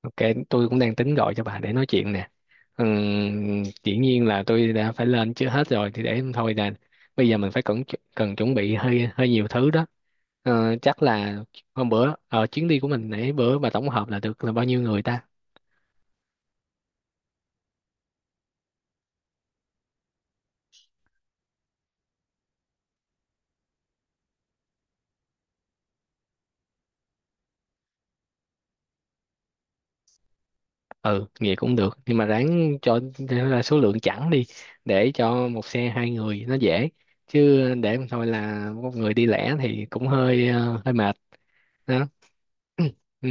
Ok, tôi cũng đang tính gọi cho bà để nói chuyện nè. Dĩ nhiên là tôi đã phải lên chưa hết rồi thì để thôi nè. Bây giờ mình phải cần cần chuẩn bị hơi hơi nhiều thứ đó. Chắc là hôm bữa ở chuyến đi của mình nãy bữa bà tổng hợp là được là bao nhiêu người ta? Ừ, vậy cũng được. Nhưng mà ráng cho ra số lượng chẵn đi để cho một xe hai người nó dễ. Chứ để mà thôi là một người đi lẻ thì cũng hơi hơi mệt đó. Ừ.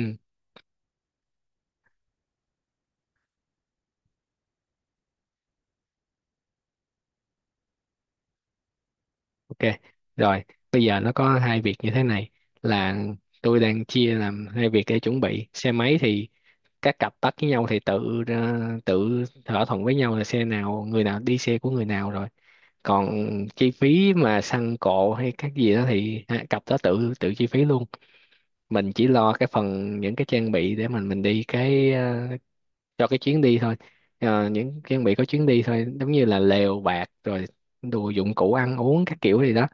Ok, rồi bây giờ nó có hai việc như thế này là tôi đang chia làm hai việc để chuẩn bị xe máy thì các cặp bắt với nhau thì tự thỏa thuận với nhau là xe nào người nào đi xe của người nào rồi còn chi phí mà xăng cộ hay các gì đó thì hai cặp đó tự tự chi phí luôn. Mình chỉ lo cái phần những cái trang bị để mình đi cái cho cái chuyến đi thôi. Ờ, những trang bị có chuyến đi thôi giống như là lều bạt rồi đồ dụng cụ ăn uống các kiểu gì đó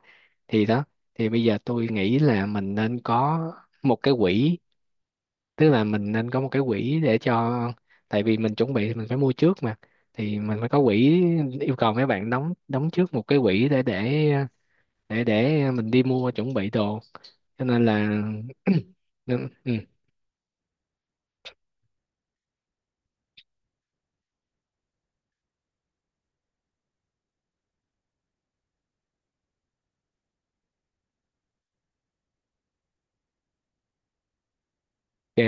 thì đó. Thì bây giờ tôi nghĩ là mình nên có một cái quỹ, tức là mình nên có một cái quỹ để cho, tại vì mình chuẩn bị thì mình phải mua trước mà, thì mình phải có quỹ, yêu cầu mấy bạn đóng đóng trước một cái quỹ để mình đi mua chuẩn bị đồ, cho nên là ừ, ok.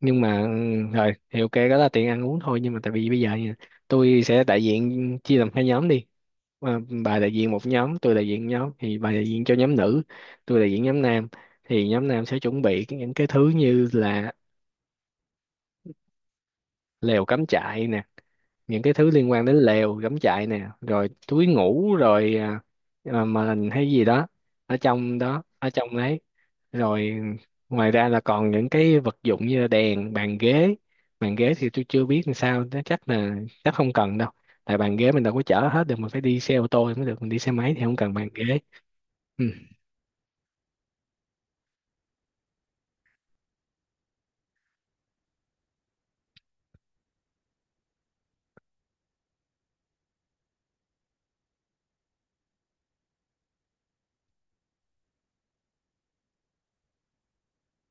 Nhưng mà rồi thì ok đó là tiền ăn uống thôi nhưng mà tại vì bây giờ nha, tôi sẽ đại diện chia làm hai nhóm đi. Mà bà đại diện một nhóm tôi đại diện nhóm thì bà đại diện cho nhóm nữ, tôi đại diện nhóm nam, thì nhóm nam sẽ chuẩn bị cái- những cái thứ như là lều cắm trại nè, những cái thứ liên quan đến lều cắm trại nè rồi túi ngủ rồi mền hay gì đó ở trong đấy. Rồi ngoài ra là còn những cái vật dụng như là đèn, bàn ghế. Bàn ghế thì tôi chưa biết làm sao, nó chắc không cần đâu, tại bàn ghế mình đâu có chở hết được, mình phải đi xe ô tô thì mới được, mình đi xe máy thì không cần bàn ghế. Ừ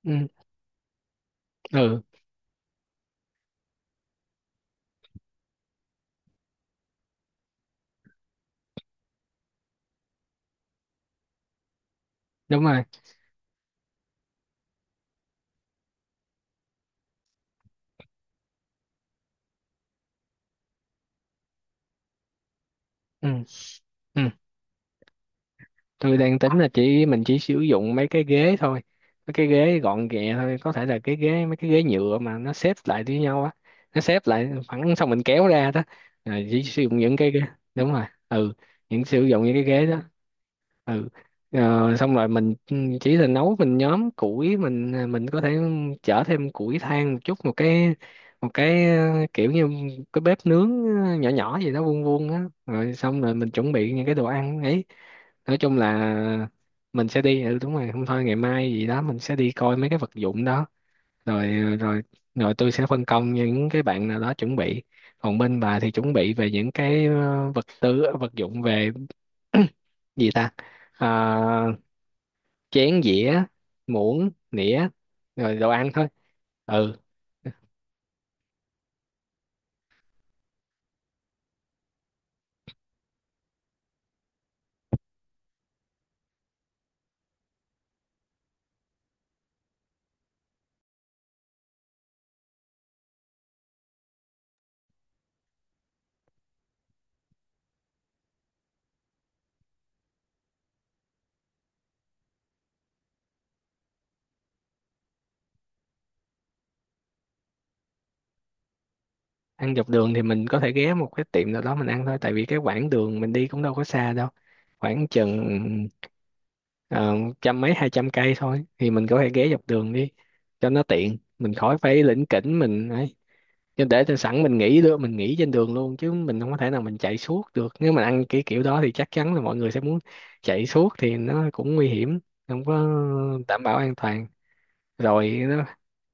ừ, ừ đúng rồi. Ừ ừ, tôi đang tính là chỉ mình chỉ sử dụng mấy cái ghế thôi, mấy cái ghế gọn ghẹ thôi, có thể là cái ghế mấy cái ghế nhựa mà nó xếp lại với nhau á, nó xếp lại phẳng xong mình kéo ra đó. Rồi chỉ sử dụng những cái ghế, đúng rồi, ừ, những sử dụng những cái ghế đó. Ừ. Ờ, xong rồi mình chỉ là nấu mình nhóm củi mình mình có thể chở thêm củi than một chút, một cái, một cái kiểu như cái bếp nướng nhỏ nhỏ gì đó vuông vuông á, rồi xong rồi mình chuẩn bị những cái đồ ăn ấy. Nói chung là mình sẽ đi, đúng rồi, không thôi ngày mai gì đó mình sẽ đi coi mấy cái vật dụng đó rồi ờ, rồi rồi tôi sẽ phân công những cái bạn nào đó chuẩn bị, còn bên bà thì chuẩn bị về những cái vật tư vật dụng về gì ta. Ờ, chén dĩa, muỗng nĩa, rồi đồ ăn thôi. Ừ. Ăn dọc đường thì mình có thể ghé một cái tiệm nào đó mình ăn thôi, tại vì cái quãng đường mình đi cũng đâu có xa đâu, khoảng chừng ờ, trăm mấy 200 cây thôi, thì mình có thể ghé dọc đường đi cho nó tiện, mình khỏi phải lỉnh kỉnh mình ấy. Chứ để cho sẵn mình nghỉ được mình nghỉ trên đường luôn, chứ mình không có thể nào mình chạy suốt được, nếu mình ăn cái kiểu đó thì chắc chắn là mọi người sẽ muốn chạy suốt thì nó cũng nguy hiểm, không có đảm bảo an toàn. Rồi,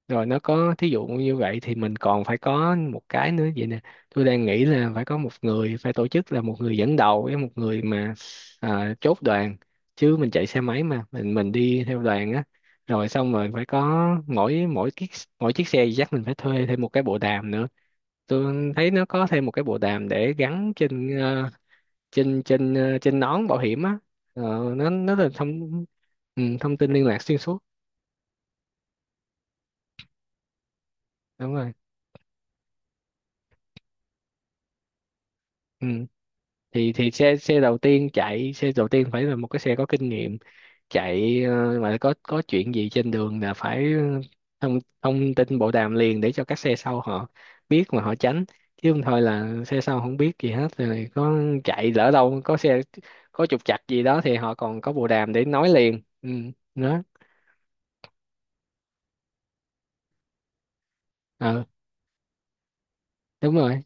rồi nó có thí dụ như vậy thì mình còn phải có một cái nữa vậy nè, tôi đang nghĩ là phải có một người phải tổ chức, là một người dẫn đầu với một người mà chốt đoàn, chứ mình chạy xe máy mà mình đi theo đoàn á. Rồi xong rồi phải có mỗi mỗi chiếc xe thì chắc mình phải thuê thêm một cái bộ đàm nữa. Tôi thấy nó có thêm một cái bộ đàm để gắn trên trên nón bảo hiểm á. Ờ, nó là thông, ừ, thông tin liên lạc xuyên suốt. Đúng rồi, ừ. Thì xe xe đầu tiên, chạy xe đầu tiên phải là một cái xe có kinh nghiệm, chạy mà có chuyện gì trên đường là phải ờ, thông thông tin bộ đàm liền để cho các xe sau họ biết mà họ tránh, chứ không thôi là xe sau không biết gì hết, rồi có chạy lỡ đâu có xe có trục trặc gì đó thì họ còn có bộ đàm để nói liền, ừ, đó. Ờ đúng rồi,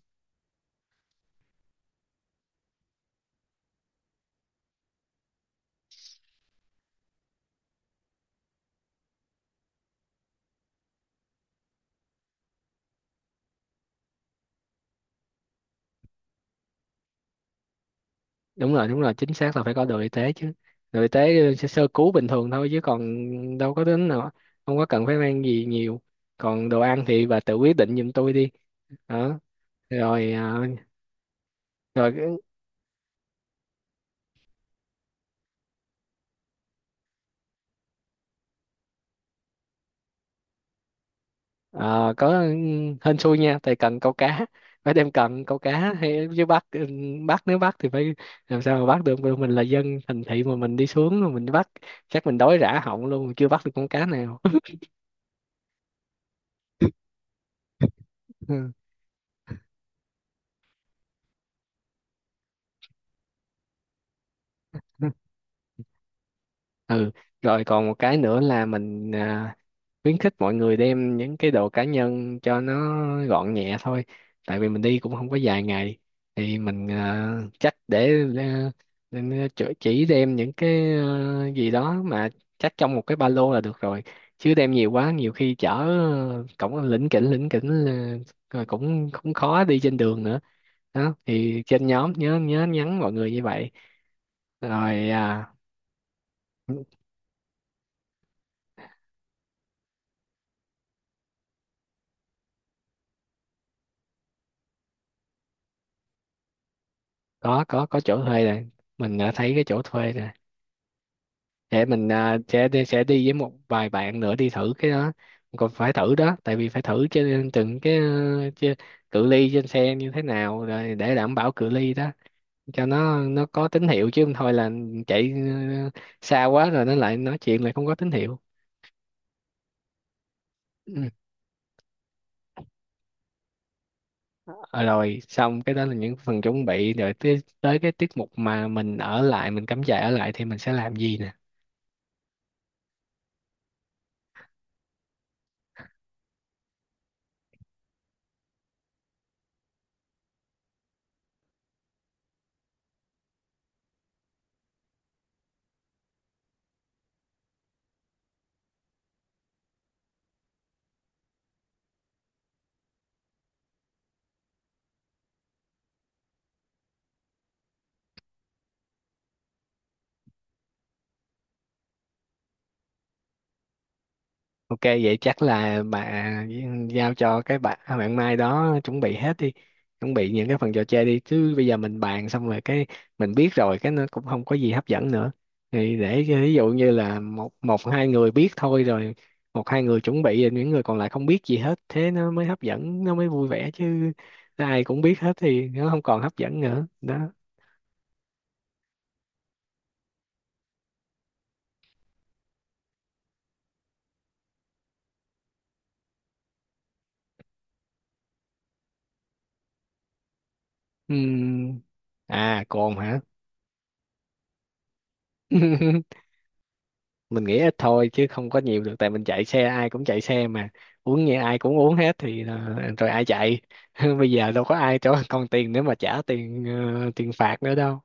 đúng rồi, đúng rồi, chính xác là phải có đội y tế chứ, đội y tế sẽ sơ cứu bình thường thôi chứ còn đâu có đến nào, không có cần phải mang gì nhiều. Còn đồ ăn thì bà tự quyết định giùm tôi đi, đó. Rồi rồi có, ừ, hên xui nha, tại cần câu cá phải đem cần câu cá hay, chứ bắt, bắt, nếu bắt thì phải làm sao mà bắt được. Bởi mình là dân thành thị mà mình đi xuống rồi mình bắt, chắc mình đói rã họng luôn chưa bắt được con cá nào. Ừ. Ừ, rồi còn một cái nữa là mình khuyến khích mọi người đem những cái đồ cá nhân cho nó gọn nhẹ thôi, tại vì mình đi cũng không có dài ngày, thì mình nên chỉ đem những cái gì đó mà chắc trong một cái ba lô là được rồi, chứ đem nhiều quá nhiều khi chở cổng lỉnh kỉnh là- rồi cũng cũng khó đi trên đường nữa, đó, thì trên nhóm nhớ nhớ nhắn mọi người như vậy. Rồi có chỗ thuê rồi, mình đã thấy cái chỗ thuê rồi, để mình sẽ đi với một vài bạn nữa đi thử cái đó. Còn phải thử đó, tại vì phải thử trên từng cái chê- cự ly trên xe như thế nào, rồi để đảm bảo cự ly đó cho nó có tín hiệu, chứ không thôi là chạy xa quá rồi nó lại nói chuyện lại không có tín hiệu, ừ. Ờ, rồi xong cái đó là những phần chuẩn bị rồi tới, tới cái tiết mục mà mình ở lại mình cắm trại ở lại thì mình sẽ làm gì nè. Ok vậy chắc là bà giao cho cái bạn bạn Mai đó chuẩn bị hết đi, chuẩn bị những cái phần trò chơi đi, chứ bây giờ mình bàn xong rồi cái mình biết rồi cái nó cũng không có gì hấp dẫn nữa, thì để cho- ví dụ như là một một hai người biết thôi rồi, một hai người chuẩn bị rồi những người còn lại không biết gì hết thế nó mới hấp dẫn, nó mới vui vẻ chứ, ai cũng biết hết thì nó không còn hấp dẫn nữa đó. Ừm. À cồn hả. Mình nghĩ ít thôi chứ không có nhiều được, tại mình chạy xe, ai cũng chạy xe mà, uống như ai cũng uống hết thì ờ, rồi ai chạy. Bây giờ đâu có ai cho con tiền nữa mà trả tiền tiền phạt nữa đâu.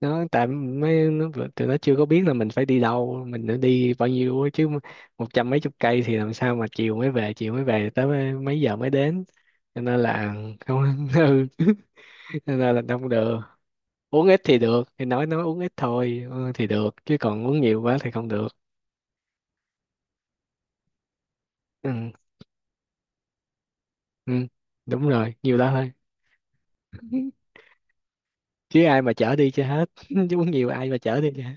Nó tại mấy nó, tụi nó chưa có biết là mình phải đi đâu, mình đã đi bao nhiêu á, chứ một trăm mấy chục cây thì làm sao mà chiều mới về, chiều mới về tới mấy mấy giờ mới đến, cho nên là không. Ừ. Cho nên là không được. Uống ít thì được, thì nói uống ít thôi, ừ, thì được chứ còn uống nhiều quá thì không được. Ừ. Ừ, đúng rồi, nhiều lắm thôi. Chứ ai mà chở đi cho hết, chứ muốn nhiều ai mà chở đi cho hết.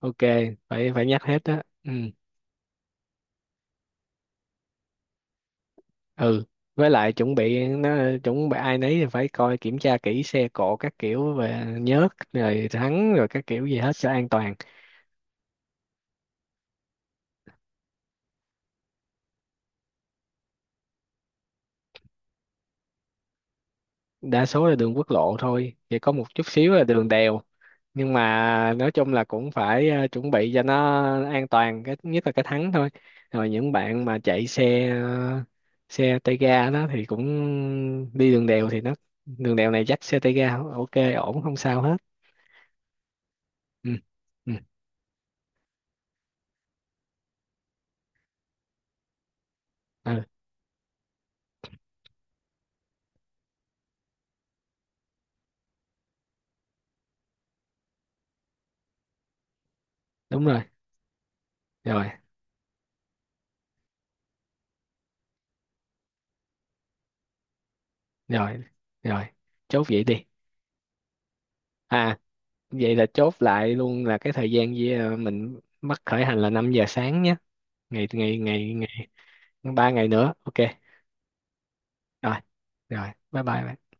Ok, phải phải nhắc hết đó, ừ. Ừ, với lại chuẩn bị nó, chuẩn bị ai nấy thì phải coi kiểm tra kỹ xe cộ các kiểu và nhớt rồi thắng rồi các kiểu gì hết cho an toàn. Đa số là đường quốc lộ thôi, chỉ có một chút xíu là đường đèo, nhưng mà nói chung là cũng phải chuẩn bị cho nó an toàn, cái nhất là cái thắng thôi. Rồi những bạn mà chạy xe xe tay ga đó thì cũng đi đường đèo thì nó, đường đèo này dắt xe tay ga ok, ổn không sao hết. Ừ, ừ, ừ đúng rồi rồi rồi rồi chốt vậy đi. À, vậy là chốt lại luôn là cái thời gian với mình bắt khởi hành là 5 giờ sáng nhé, ngày ngày ngày ngày 3 ngày nữa ok. Rồi, rồi bye bye bạn.